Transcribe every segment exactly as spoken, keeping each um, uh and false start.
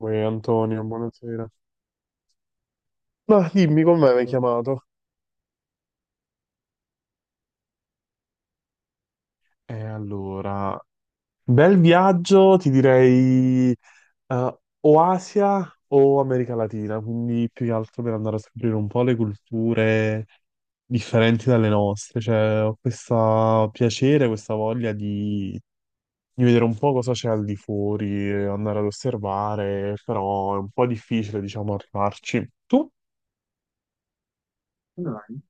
Uè, Antonio, buonasera. Ma dimmi, come mi hai chiamato? E allora, bel viaggio, ti direi eh, o Asia o America Latina, quindi più che altro per andare a scoprire un po' le culture differenti dalle nostre. Cioè, ho questo piacere, questa voglia di, di vedere un po' cosa c'è al di fuori, andare ad osservare, però è un po' difficile, diciamo, arrivarci. Tu? Come mai?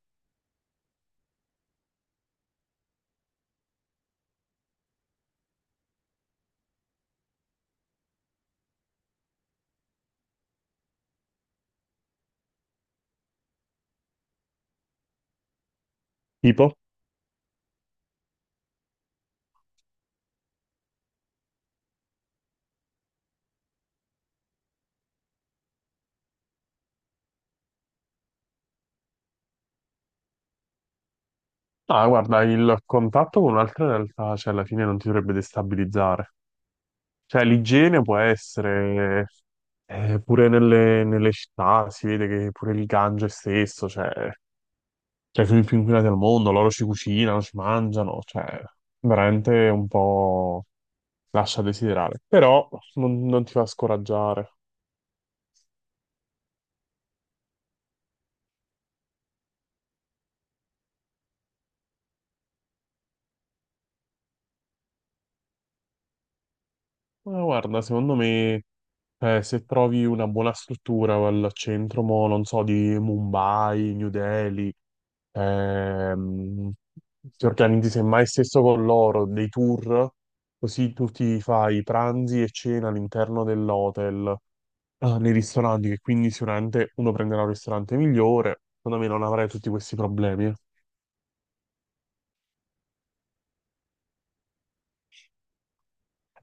Tipo? No, guarda, il contatto con un'altra realtà, cioè, alla fine non ti dovrebbe destabilizzare. Cioè, l'igiene può essere, eh, pure nelle, nelle città, si vede che pure il Gange stesso, cioè, tra i fiumi più inquinati al mondo, loro ci cucinano, ci mangiano, cioè, veramente un po' lascia a desiderare. Però non, non ti fa scoraggiare. Ma guarda, secondo me... Eh, se trovi una buona struttura al centro, mo, non so, di Mumbai, New Delhi, Ehm, ti organizzi semmai stesso con loro dei tour, così tu ti fai pranzi e cena all'interno dell'hotel, eh, nei ristoranti, che quindi sicuramente uno prenderà un ristorante migliore. Secondo me non avrai tutti questi problemi.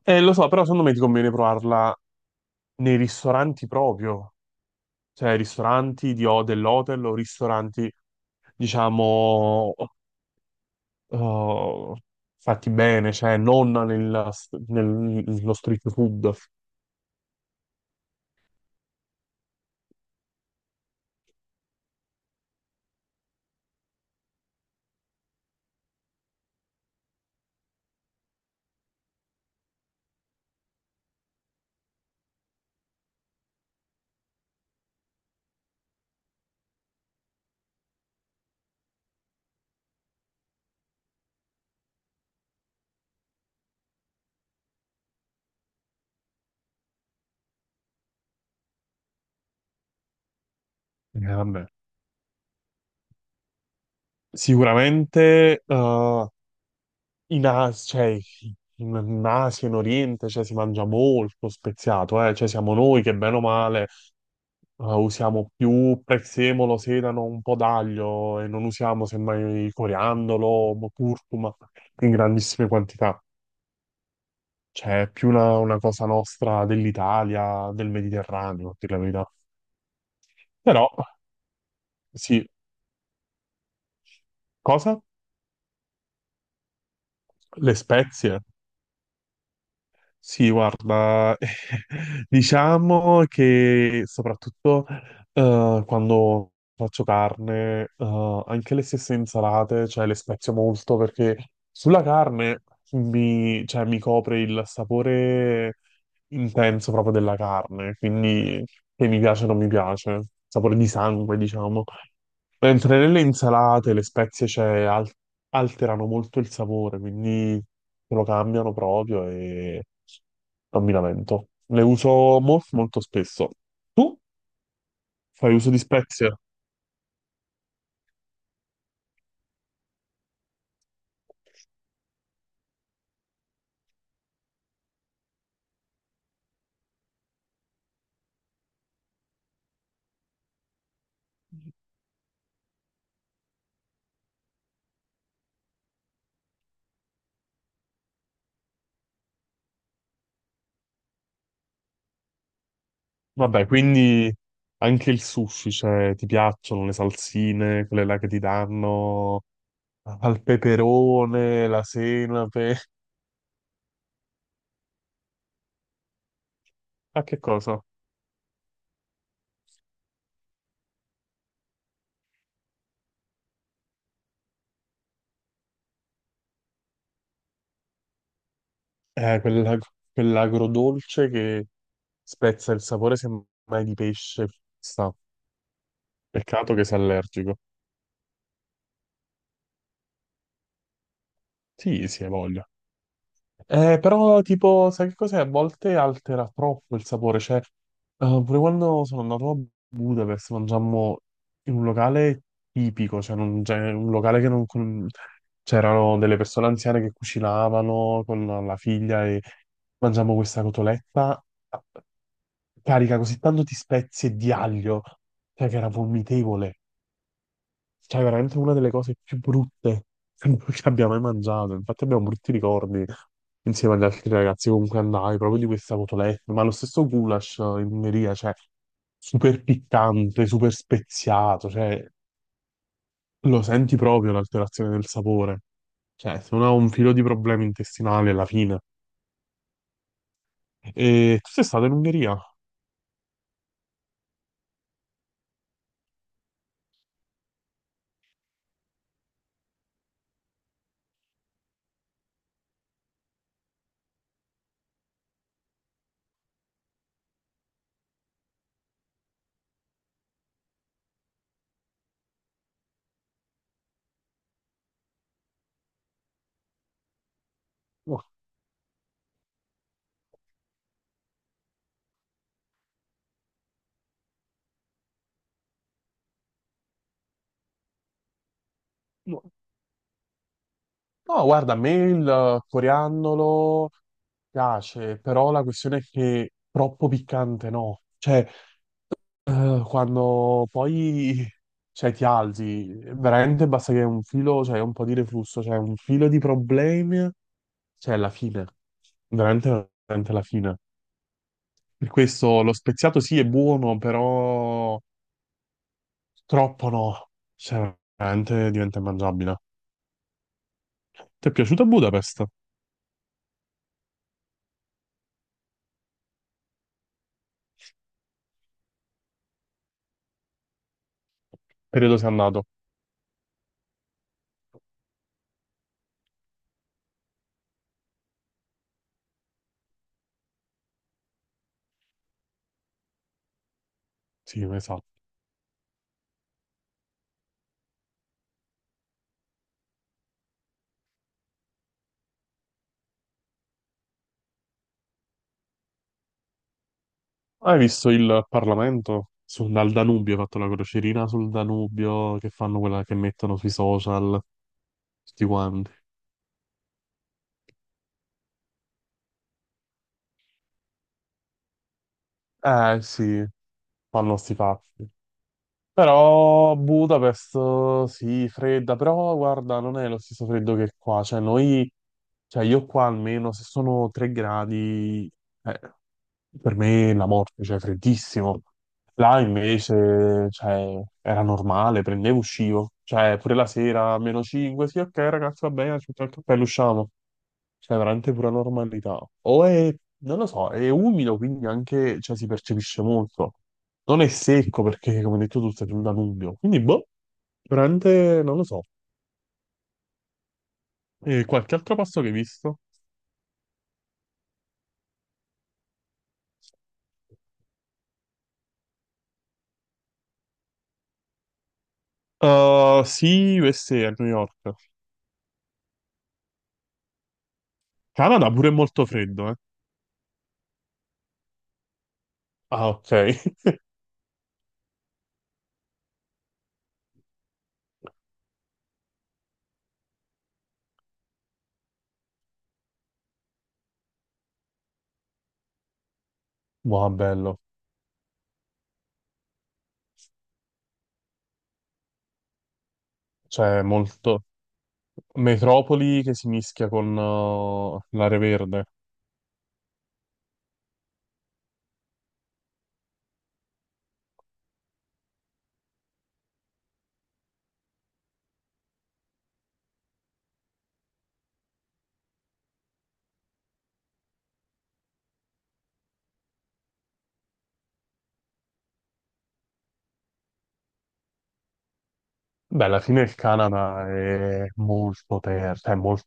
Eh, lo so, però secondo me ti conviene provarla nei ristoranti proprio, cioè ristoranti di ho dell'hotel o ristoranti, diciamo, eh, fatti bene, cioè non nel- nello street food. Eh, vabbè. Sicuramente eh, in As- cioè, in in Asia, in Oriente, cioè, si mangia molto speziato, eh. Cioè, siamo noi che bene o male eh, usiamo più prezzemolo, sedano, un po' d'aglio e non usiamo semmai coriandolo, mo- curcuma in grandissime quantità. Cioè, è più una, una cosa nostra dell'Italia, del Mediterraneo, a dire la verità. Però, sì, cosa? Le spezie. Sì, guarda, diciamo che soprattutto eh, quando faccio carne, eh, anche le stesse insalate, cioè le spezio molto perché sulla carne mi, cioè, mi copre il sapore intenso proprio della carne, quindi che mi piace o non mi piace, sapore di sangue, diciamo. Mentre nelle insalate le spezie cioè, al- alterano molto il sapore, quindi lo cambiano proprio e non mi lamento. Le uso molto, molto spesso. Tu fai uso di spezie? Vabbè, quindi anche il sushi, cioè, ti piacciono le salsine, quelle là che ti danno al peperone, la senape. A che cosa? Eh, quella- quell'agrodolce che spezza il sapore semmai di pesce. Sta. Peccato che sei allergico. Sì, sì, hai voglia. Eh, però, tipo, sai che cos'è? A volte altera troppo il sapore. Cioè, eh, pure quando sono andato a Budapest, mangiammo in un locale tipico, cioè non- cioè, un locale che non... con- C'erano delle persone anziane che cucinavano con la figlia e mangiammo questa cotoletta carica così tanto di spezie e di aglio, cioè che era vomitevole. Cioè, veramente una delle cose più brutte che abbiamo mai mangiato. Infatti abbiamo brutti ricordi insieme agli altri ragazzi comunque andai, proprio di questa cotoletta, ma lo stesso goulash eh, in Ungheria, cioè, super piccante, super speziato, cioè, lo senti proprio l'alterazione del sapore. Cioè, se uno ha un filo di problemi intestinali alla fine. E tu sei stato in Ungheria? No, no. No, guarda, a me il coriandolo piace, però la questione è che troppo piccante no. Cioè, eh, quando poi cioè, ti alzi, veramente basta che un filo, cioè un po' di reflusso, cioè un filo di problemi, cioè la fine, veramente, veramente la fine. Per questo lo speziato sì è buono, però troppo no, cioè veramente diventa immangiabile. Ti è piaciuta Budapest? Periodo sei andato? Sì, esatto. Hai visto il Parlamento? Sul, dal Danubio, ha fatto la crocerina sul Danubio che fanno quella che mettono sui social, tutti quanti. Eh sì, fanno sti fatti. Però Budapest sì, fredda, però guarda, non è lo stesso freddo che qua. Cioè, noi, cioè io qua almeno se sono tre gradi, eh, per me la morte, cioè freddissimo. Là invece, cioè, era normale, prendevo, uscivo. Cioè, pure la sera, meno cinque, sì, ok ragazzi, va bene, ci mettiamo il cappello, usciamo. Cioè, veramente pura normalità. O è, non lo so, è umido, quindi anche, cioè, si percepisce molto. Non è secco, perché, come hai detto tu, sei sul Danubio. Quindi, boh, veramente, non lo so. E qualche altro passo che hai visto? Uh, sì, USA a a New York. Canada pure è molto freddo, eh. Ah, ok. Wow, bello. Cioè, molto. Metropoli che si mischia con uh, l'area verde. Beh, alla fine il Canada è molto terra, cioè molto...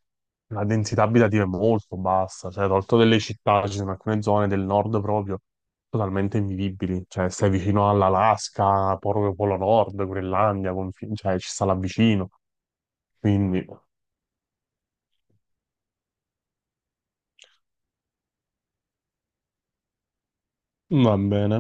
la densità abitativa è molto bassa, cioè tolto delle città, ci sono alcune zone del nord proprio totalmente invivibili, cioè stai vicino all'Alaska, proprio Polo Nord, Groenlandia, confin- cioè ci sta là vicino, quindi va bene.